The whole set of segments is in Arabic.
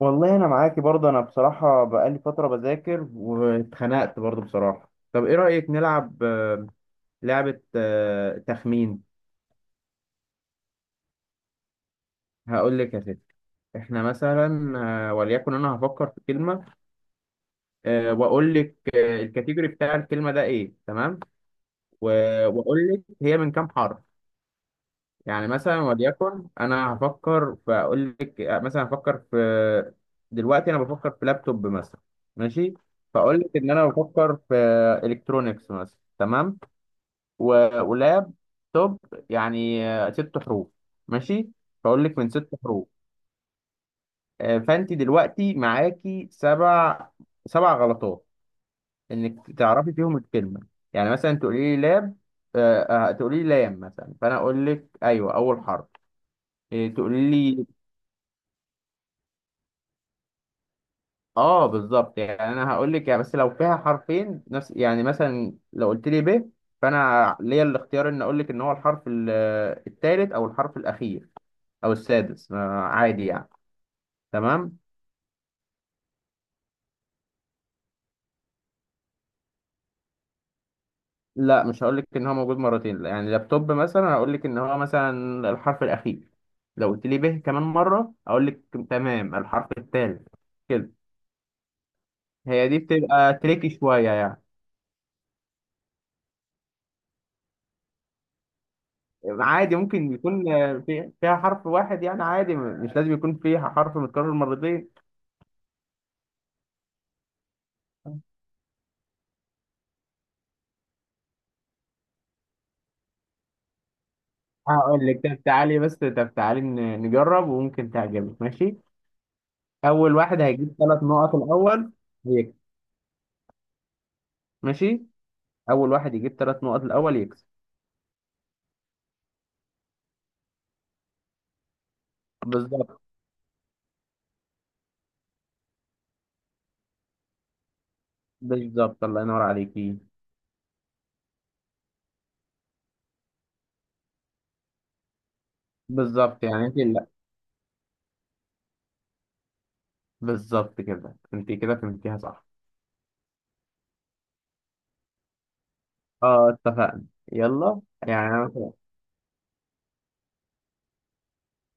والله انا معاكي برضه انا بصراحه بقالي فتره بذاكر واتخنقت برضه بصراحه. طب ايه رايك نلعب لعبه، تخمين. هقول لك يا ستي. احنا مثلا وليكن انا هفكر في كلمه، واقول لك الكاتيجوري بتاع الكلمه ده ايه؟ تمام. واقول لك هي من كام حرف. يعني مثلا وليكن انا هفكر، فاقول لك مثلا هفكر في، دلوقتي انا بفكر في لابتوب مثلا. ماشي. فاقول لك ان انا بفكر في الكترونكس مثلا. تمام. ولاب توب، يعني ست حروف. ماشي. فاقول لك من ست حروف، فانت دلوقتي معاكي سبع غلطات انك تعرفي فيهم الكلمه. يعني مثلا تقولي لي لاب آه، آه، تقولي لي لام مثلا، فانا اقول لك ايوه اول حرف. إيه، تقولي لي. اه، بالظبط. يعني انا هقول لك يعني، بس لو فيها حرفين نفس، يعني مثلا لو قلت لي ب، فانا ليا الاختيار ان اقول لك ان هو الحرف الثالث او الحرف الاخير او السادس، ما عادي يعني. تمام. لا، مش هقول لك ان هو موجود مرتين. لا، يعني لابتوب مثلا هقول لك ان هو مثلا الحرف الاخير، لو قلت لي ب كمان مره اقول لك تمام الحرف الثالث كده. هي دي بتبقى تريكي شويه يعني. عادي، ممكن يكون فيها حرف واحد يعني، عادي مش لازم يكون فيها حرف متكرر مرتين. هقول لك، طب تعالي نجرب وممكن تعجبك. ماشي. اول واحد هيجيب ثلاث نقط الاول يكسب. ماشي، اول واحد يجيب ثلاث نقط الاول يكسب. بالظبط. بالظبط، الله ينور عليكي. بالظبط، يعني انت لا، بالظبط كده انت كده فهمتيها صح. اه، اتفقنا. يلا، يعني انا مثلا.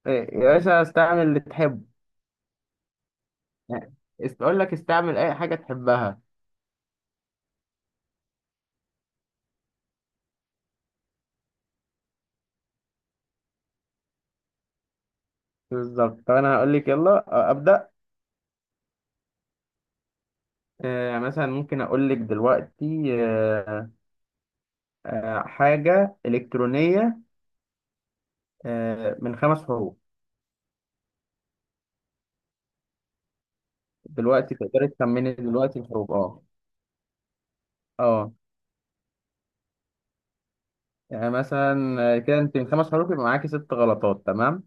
إيه، يا باشا استعمل اللي تحبه، يعني اقول لك استعمل اي حاجه تحبها. بالظبط. طب انا هقول لك، يلا ابدا. مثلا ممكن اقول لك دلوقتي حاجه الكترونيه، من خمس حروف. دلوقتي تقدري تخمني دلوقتي الحروف، اه. اه، يعني مثلا كده انت من خمس حروف يبقى معاكي ست غلطات. تمام.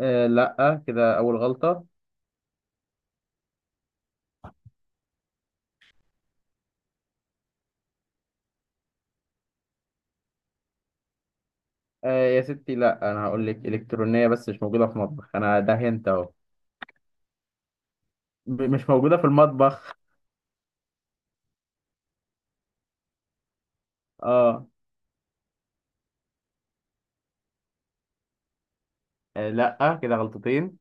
لا، كده اول غلطه. يا ستي، لا، انا هقول لك الكترونيه بس مش موجوده في مطبخ، انا ده هنت اهو. مش موجوده في المطبخ. اه. لا، كده غلطتين.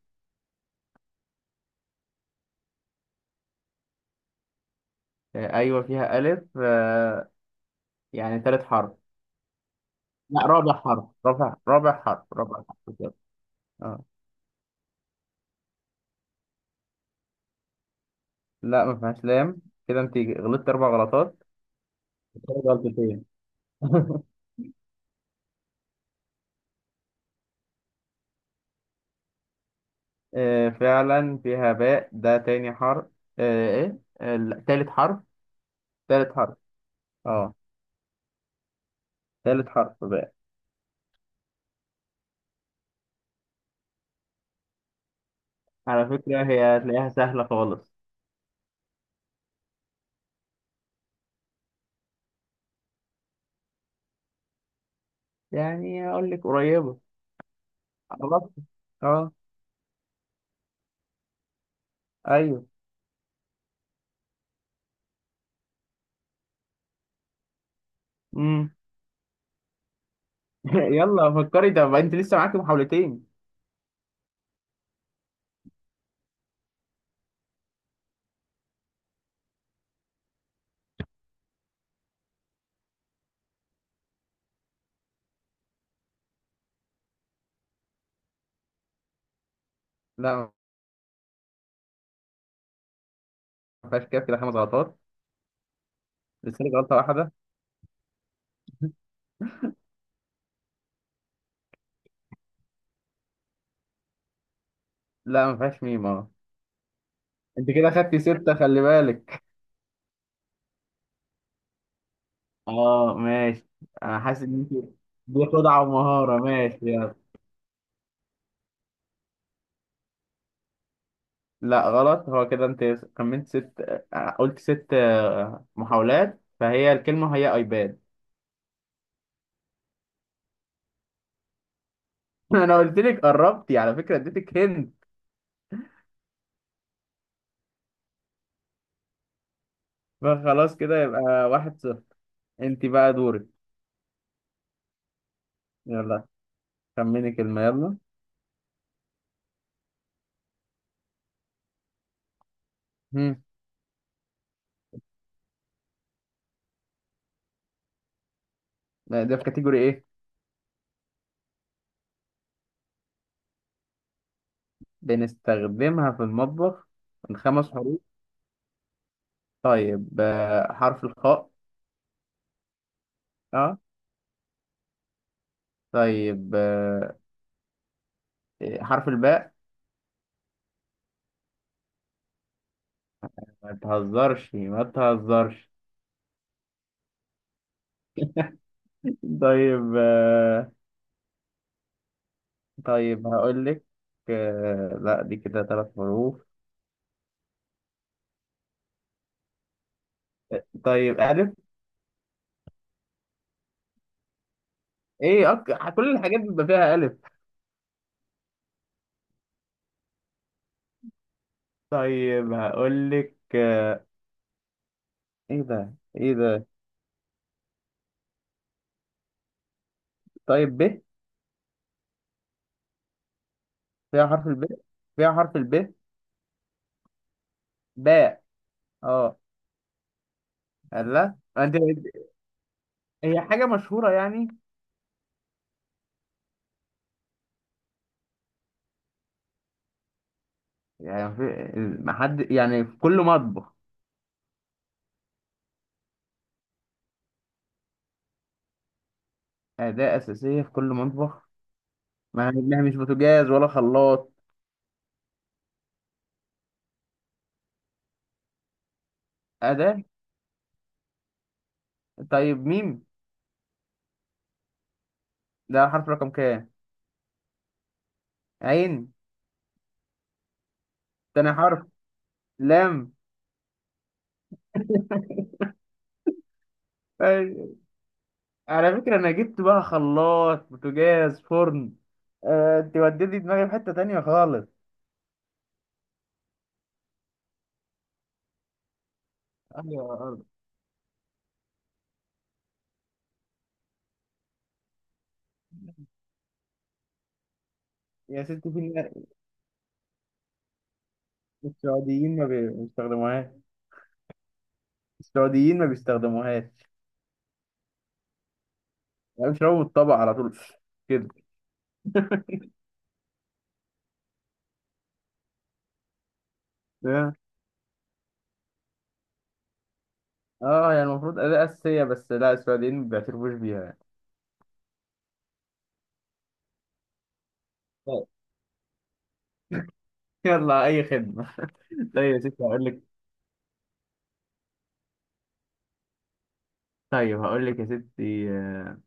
ايوه فيها الف. يعني تالت حرف. لا، رابع حرف، رابع، رابع حرف، رابع حرف كده. اه. لا، ما فيهاش لام، كده انت غلطت اربع غلطات. غلطت غلطتين. آه، فعلا فيها باء، ده تاني حرف. آه، ايه، آه، لا، تالت حرف. تالت حرف. اه. تالت حرف باء. على فكرة هي هتلاقيها سهلة خالص. يعني اقول لك قريبة. خلاص. اه، ايوه. امم. يلا فكري ده بقى، انت لسه معاكي محاولتين. لا، ما فيهاش، كده كده خمس غلطات، لسه لك غلطة واحدة. لا، ما فيهاش ميم، اه. انت كده خدتي ستة، خلي بالك. اه، ماشي. انا حاسس ان انت دي خدعة ومهارة. ماشي، يلا. لا، غلط، هو كده انت كملت ست، قلت ست محاولات، فهي الكلمة هي ايباد. انا قلت لك قربتي، على فكرة اديتك هند. فخلاص كده يبقى 1-0. انت بقى دورك. يلا، خمني كلمة، يلا. هم. ده في كاتيجوري ايه؟ بنستخدمها في المطبخ. من خمس حروف. طيب، حرف الخاء. اه. طيب، إيه، حرف الباء. ما تهزرش، ما تهزرش. طيب، طيب هقول لك، لا، دي كده ثلاث حروف. طيب، ألف. ايه، كل الحاجات بيبقى فيها ألف. طيب هقول لك ايه ده؟ ايه ده؟ طيب، ب، فيها حرف الب، فيها حرف الب. باء، اه. لا، انت. هي حاجة مشهورة يعني، يعني في، ما حد يعني في كل مطبخ. أداة أساسية في كل مطبخ. ما هي مش بوتاجاز ولا خلاط. أداة. طيب، ميم. ده حرف رقم كام؟ عين. تاني حرف. لام. أي. على فكرة أنا جبت بقى خلاط، بوتاجاز، فرن، أنت وديتي دماغي في حتة تانية خالص. أيوة يا أرض. يا ستي في السعوديين ما بيستخدموهاش. السعوديين ما بيستخدموهاش. يعني بيشربوا من الطبق على طول كده. اه. يعني المفروض أداة أساسية، بس لا، السعوديين ما بيعترفوش بيها. طيب. يلا، أي خدمة. طيب يا ستي هقول لك. طيب هقول لك يا ستي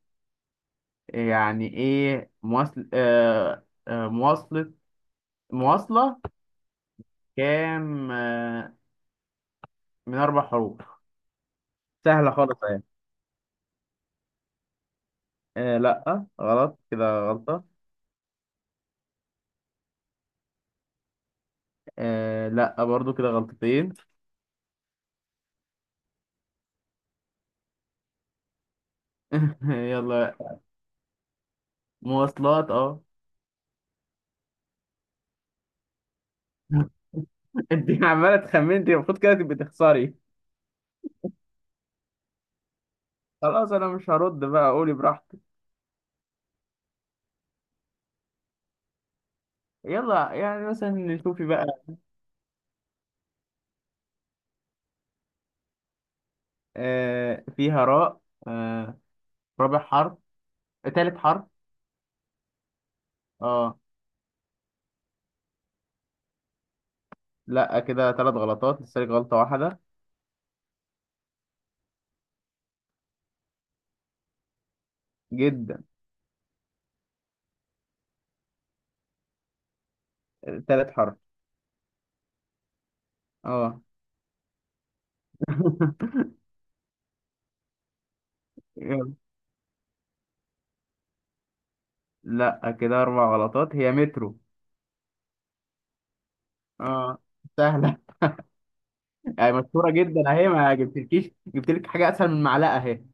يعني ايه، مواصلة، كام من أربع حروف. سهلة خالص أهي. لأ، غلط، كده غلطة. لأ، برضو كده غلطتين. يلا. مواصلات، اه. انت عمالة تخمني، انت المفروض كده تبقي تخسري. خلاص، انا مش هرد بقى، قولي براحتك. يلا، يعني مثلا شوفي بقى. فيها راء. آه، رابع حرف. تالت حرف. اه. لا، كده ثلاث غلطات، لسه لك غلطة واحدة. جدا. ثالث حرف. اه. يلا. لا، كده اربع غلطات، هي مترو. اه، سهلة. يعني مشهورة جدا اهي، ما جبتلكيش جبتلك حاجة اسهل من معلقة اهي.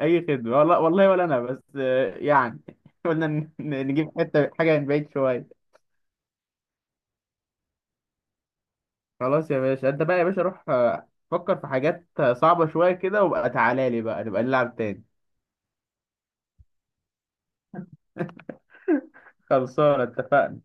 اي خدمة، والله والله، ولا انا بس يعني، قلنا نجيب حتة حاجة من بعيد شوية. خلاص يا باشا، انت بقى يا باشا روح فكر في حاجات صعبة شوية كده، وبقى تعالى لي بقى نبقى نلعب تاني. خلصانة، اتفقنا.